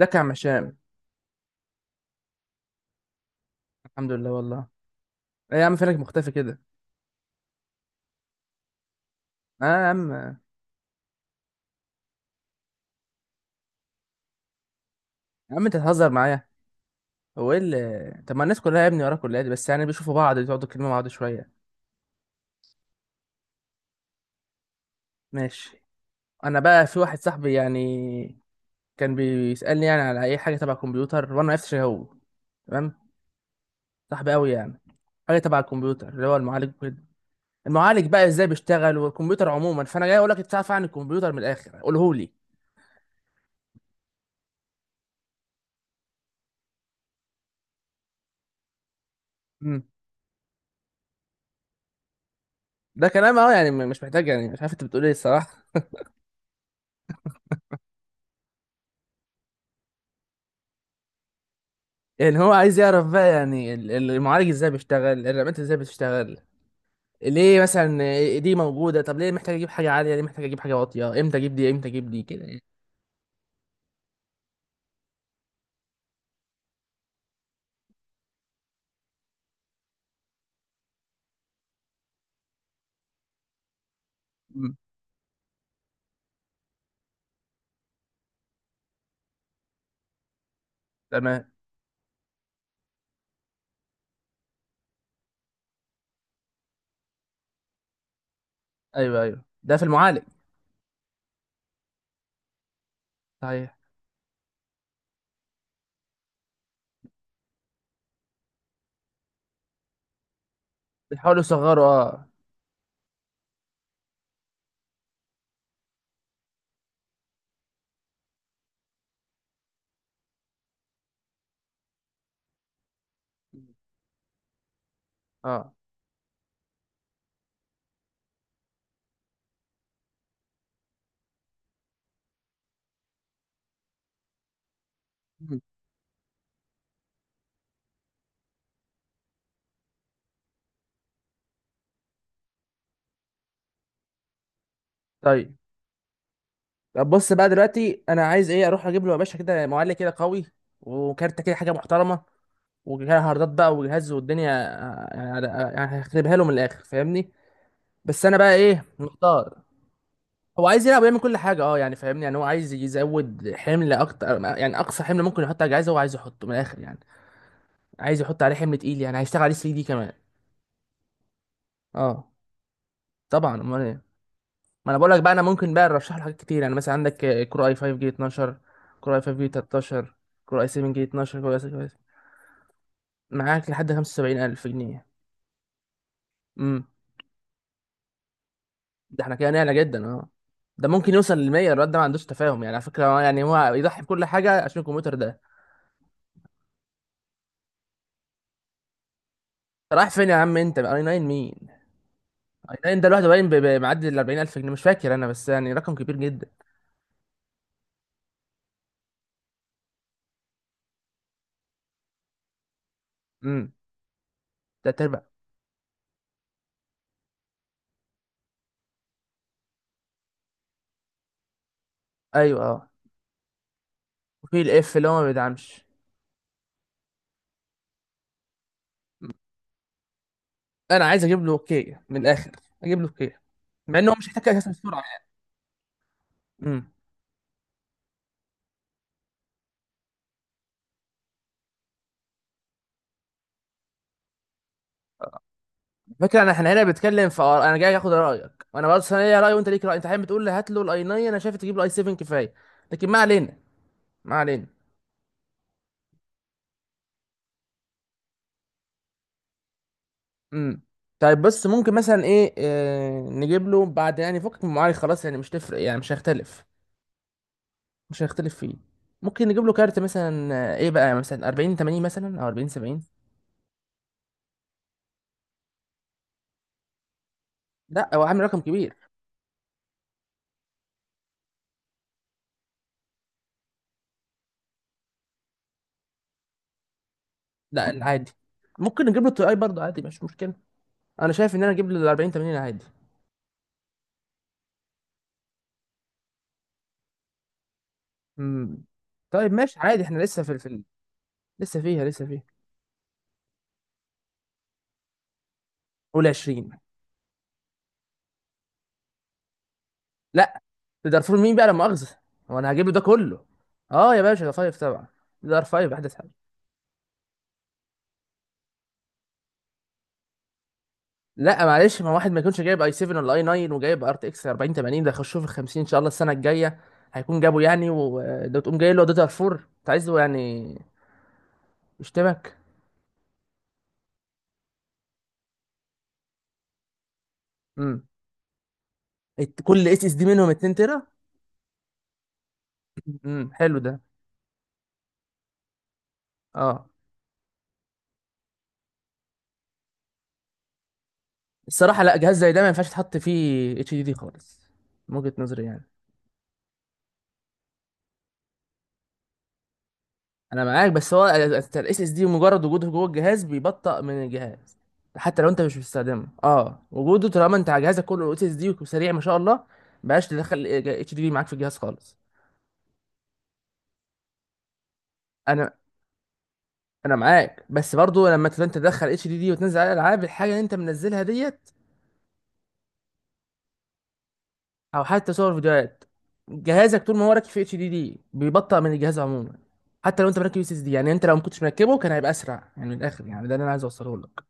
ازيك يا عم هشام؟ الحمد لله والله. ايه يا عم، فينك مختفي كده؟ اه يا عم، يا عم انت تهزر معايا. هو ايه اللي، طب ما الناس كلها يا ابني وراك، كلها دي بس يعني بيشوفوا بعض، بيقعدوا يكلموا بعض شويه. ماشي. انا بقى في واحد صاحبي يعني، كان بيسالني يعني على اي حاجه تبع الكمبيوتر وانا ما عرفتش إيه هو. تمام. صاحبي قوي يعني. حاجه تبع الكمبيوتر، اللي هو المعالج وكده. المعالج بقى ازاي بيشتغل والكمبيوتر عموما، فانا جاي اقول لك انت تعرف عن الكمبيوتر من الاخر قوله لي. مم. ده كلام اهو، يعني مش محتاج، يعني مش عارف انت بتقول ايه الصراحه. يعني هو عايز يعرف بقى، يعني المعالج ازاي بيشتغل، الرامات ازاي بتشتغل. ليه مثلا دي موجودة؟ طب ليه محتاج اجيب حاجة عالية؟ ليه محتاج اجيب حاجة واطية؟ امتى اجيب دي، امتى اجيب دي، كده يعني. مم. تمام. ايوه ايوه، ده في المعالج. صحيح. بيحاولوا يصغروا، اه. اه. مم. طيب. طب بص بقى دلوقتي، انا عايز ايه؟ اروح اجيب له يا باشا كده معالج كده قوي، وكارتة كده حاجة محترمة، وجهاز هاردات بقى وجهاز والدنيا يعني، يعني هخربها له من الاخر، فاهمني. بس انا بقى ايه؟ محتار. هو عايز يلعب ويعمل كل حاجه اه، يعني فاهمني، يعني هو عايز يزود حمل اكتر، يعني اقصى حمل ممكن يحط على الجهاز هو عايز يحطه من الاخر يعني. عايز يحط عليه حمل تقيل، يعني هيشتغل عليه 3 دي كمان. اه، طبعا امال ايه. ما انا بقول لك بقى، انا ممكن بقى ارشح له حاجات كتير، يعني مثلا عندك كور اي 5 جيل 12، كور اي 5 جيل 13، كور اي 7 جيل 12، كور اي 7. معاك لحد 75000 جنيه. امم ده احنا كده نعلى جدا اه. ده ممكن يوصل ل 100. الواد ده ما عندوش تفاهم يعني، على فكره هو يعني، هو يضحي بكل حاجه عشان الكمبيوتر ده. رايح فين يا عم انت؟ اي 9 مين؟ باين ده لوحده باين معدي ال 40000 جنيه، مش فاكر انا بس يعني رقم كبير جدا. امم تلات ارباع. ايوه اه. وفي الاف اللي هو ما بيدعمش. مم. انا عايز اجيب له كيا من الاخر. اجيب له كيا، مع ان هو مش محتاج اساسا بسرعه يعني. امم فكره، انا احنا هنا بنتكلم في آراء. انا جاي اخد رايك، وانا بس انا ليا راي وانت ليك راي. انت حابب تقول لي هات له الاي 9، انا شايف تجيب له اي 7 كفايه. لكن ما علينا، ما علينا امم طيب بص، ممكن مثلا ايه نجيب له بعد يعني فكك من المعالج، خلاص يعني مش تفرق يعني مش هيختلف. مش هنختلف فيه. ممكن نجيب له كارت مثلا ايه بقى، مثلا 40 80 مثلا، او 40 70. لا هو عامل رقم كبير. لا عادي. ممكن نجيب له التي اي برضه عادي، مش مشكله. انا شايف ان انا اجيب له ال 40 80 عادي. امم طيب ماشي عادي، احنا لسه في الفيلم. لسه فيها، قول 20. لا، ده دارفور مين بقى لا مؤاخذه؟ هو انا هجيب له ده كله؟ اه يا باشا، ده 5 طبعا. ده 5 احدث حاجه. لا معلش، ما واحد ما يكونش جايب اي 7 ولا اي 9 وجايب ار تي اكس 40 80 ده، يخشوه في ال 50 ان شاء الله السنه الجايه هيكون جابه يعني، وده تقوم جاي له داتا 4؟ انت عايز له يعني يشتمك. امم كل اس اس دي منهم 2 تيرا. حلو ده، اه. الصراحه لا، جهاز زي ده ما ينفعش تحط فيه اتش دي دي خالص. من وجهه نظري يعني. انا معاك، بس هو الاس اس دي مجرد وجوده جوه الجهاز بيبطئ من الجهاز. حتى لو انت مش بتستخدمه اه، وجوده طالما انت على جهازك كله اس اس دي وسريع ما شاء الله، بلاش تدخل اتش دي دي معاك في الجهاز خالص. انا انا معاك، بس برضو لما تبقى انت تدخل اتش دي دي وتنزل عليها العاب، الحاجه اللي انت منزلها ديت، او حتى صور فيديوهات، جهازك طول ما هو راكب في اتش دي دي بيبطئ من الجهاز عموما. حتى لو انت مركب اس اس دي، يعني انت لو ما كنتش مركبه كان هيبقى اسرع، يعني من الاخر يعني، ده اللي انا عايز اوصله لك.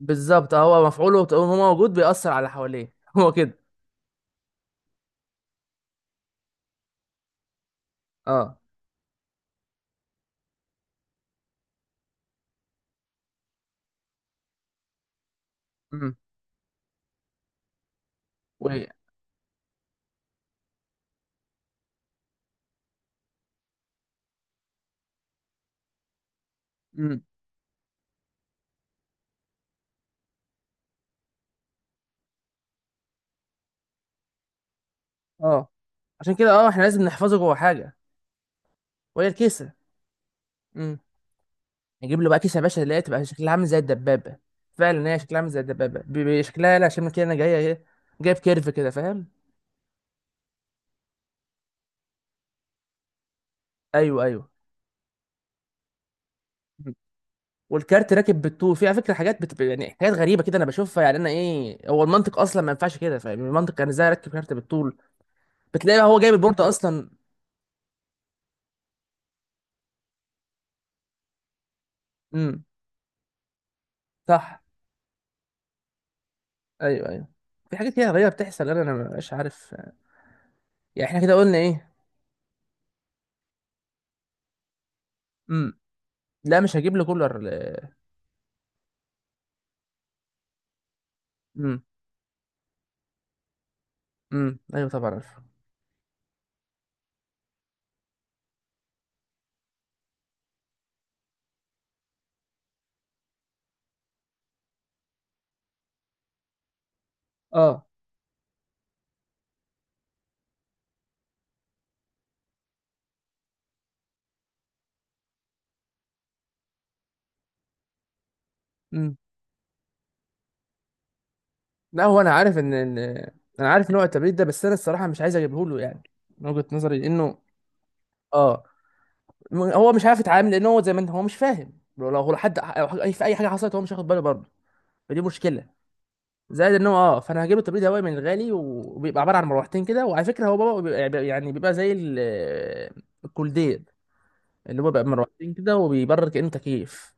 بالظبط هو مفعوله طول ما هو موجود بيأثر على اللي حواليه هو كده. اه. امم و امم اه، عشان كده اه احنا لازم نحفظه جوه حاجه، وهي الكيسه. امم نجيب له بقى كيسه يا باشا اللي هي تبقى شكلها عامل زي الدبابه. فعلا هي شكلها عامل زي الدبابه، شكلها لا، عشان كده انا جايه ايه، جايب كيرف كده فاهم. ايوه ايوه. مم. والكارت راكب بالطول، في على فكره حاجات يعني حاجات غريبه كده انا بشوفها، يعني انا ايه هو المنطق اصلا؟ ما ينفعش كده فاهم؟ المنطق كان ازاي اركب كارت بالطول؟ بتلاقي هو جايب البورده اصلا. امم صح. ايوه ايوه. في حاجات كده غريبه بتحصل، انا مبقاش عارف. يعني احنا كده قلنا ايه؟ امم لا مش هجيب لي كولر امم ايوه طبعا عارفه. اه. امم لا، هو انا عارف ان ان انا عارف نوع التبريد ده، بس انا الصراحه مش عايز اجيبه له يعني، من وجهه نظري لانه اه هو مش عارف يتعامل، لان هو زي ما انت هو مش فاهم، لو لو حد أو اي في اي حاجه حصلت هو مش هياخد باله برضه. فدي مشكله. زائد ان هو اه، فانا هجيب له تبريد هوائي من الغالي، وبيبقى عباره عن مروحتين كده، وعلى فكره هو بابا بيبقى يعني، بيبقى زي الكولدير، اللي هو بقى مروحتين كده وبيبرر كأنه تكييف.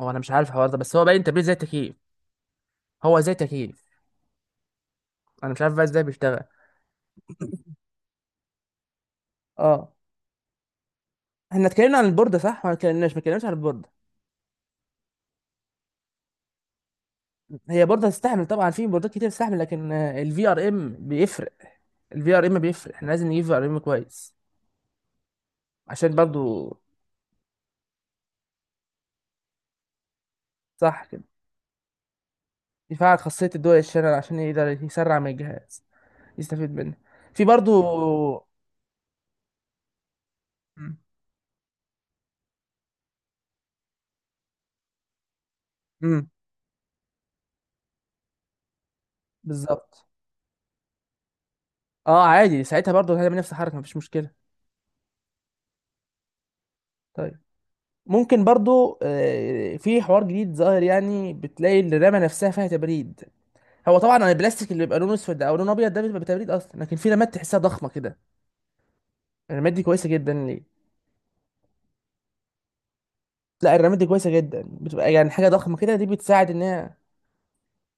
هو انا مش عارف الحوار ده، بس هو باين تبريد زي التكييف. هو زي تكييف. انا مش عارف بقى ازاي بيشتغل. اه. احنا اتكلمنا عن البوردة صح ولا اتكلمناش؟ ما اتكلمناش عن البوردة. هي بوردة تستحمل طبعا، في بوردات كتير تستحمل، لكن الفي ار ام بيفرق. الفي ار ام بيفرق، احنا لازم نجيب في ار ام كويس. عشان برضو، صح كده. يفعل خاصية الدول الشانل، عشان يقدر يسرع من الجهاز، يستفيد منه. في برضو. امم بالظبط. اه عادي، ساعتها برضو هتعمل نفس الحركة مفيش مشكلة. طيب، ممكن برضو في حوار جديد ظاهر، يعني بتلاقي الرمة نفسها فيها تبريد. هو طبعا البلاستيك اللي بيبقى لونه اسود او لونه ابيض، ده بيبقى تبريد اصلا، لكن في رمات تحسها ضخمه كده. الرمات دي كويسه جدا ليه؟ لا الرمات دي كويسه جدا، بتبقى يعني حاجه ضخمه كده، دي بتساعد ان هي،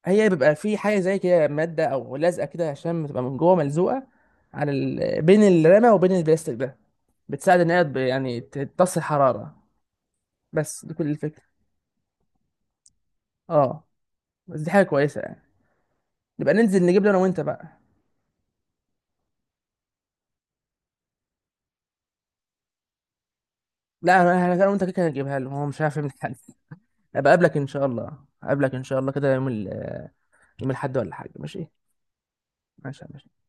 هي بيبقى في حاجه زي كده، ماده او لازقه كده، عشان بتبقى من جوه ملزوقه على ال... بين الرمه وبين البلاستيك ده، بتساعد ان هي يعني تمتص الحراره. بس دي كل الفكره. اه. بس دي حاجه كويسه يعني. نبقى ننزل نجيب له انا وانت بقى. لا، انا وانت كده كده هنجيبها له، هو مش عارف يعمل حاجه. ابقى اقابلك ان شاء الله، اقابلك ان شاء الله كده يوم ال، يوم الاحد ولا حاجه؟ ماشي. ماشي يا باشا.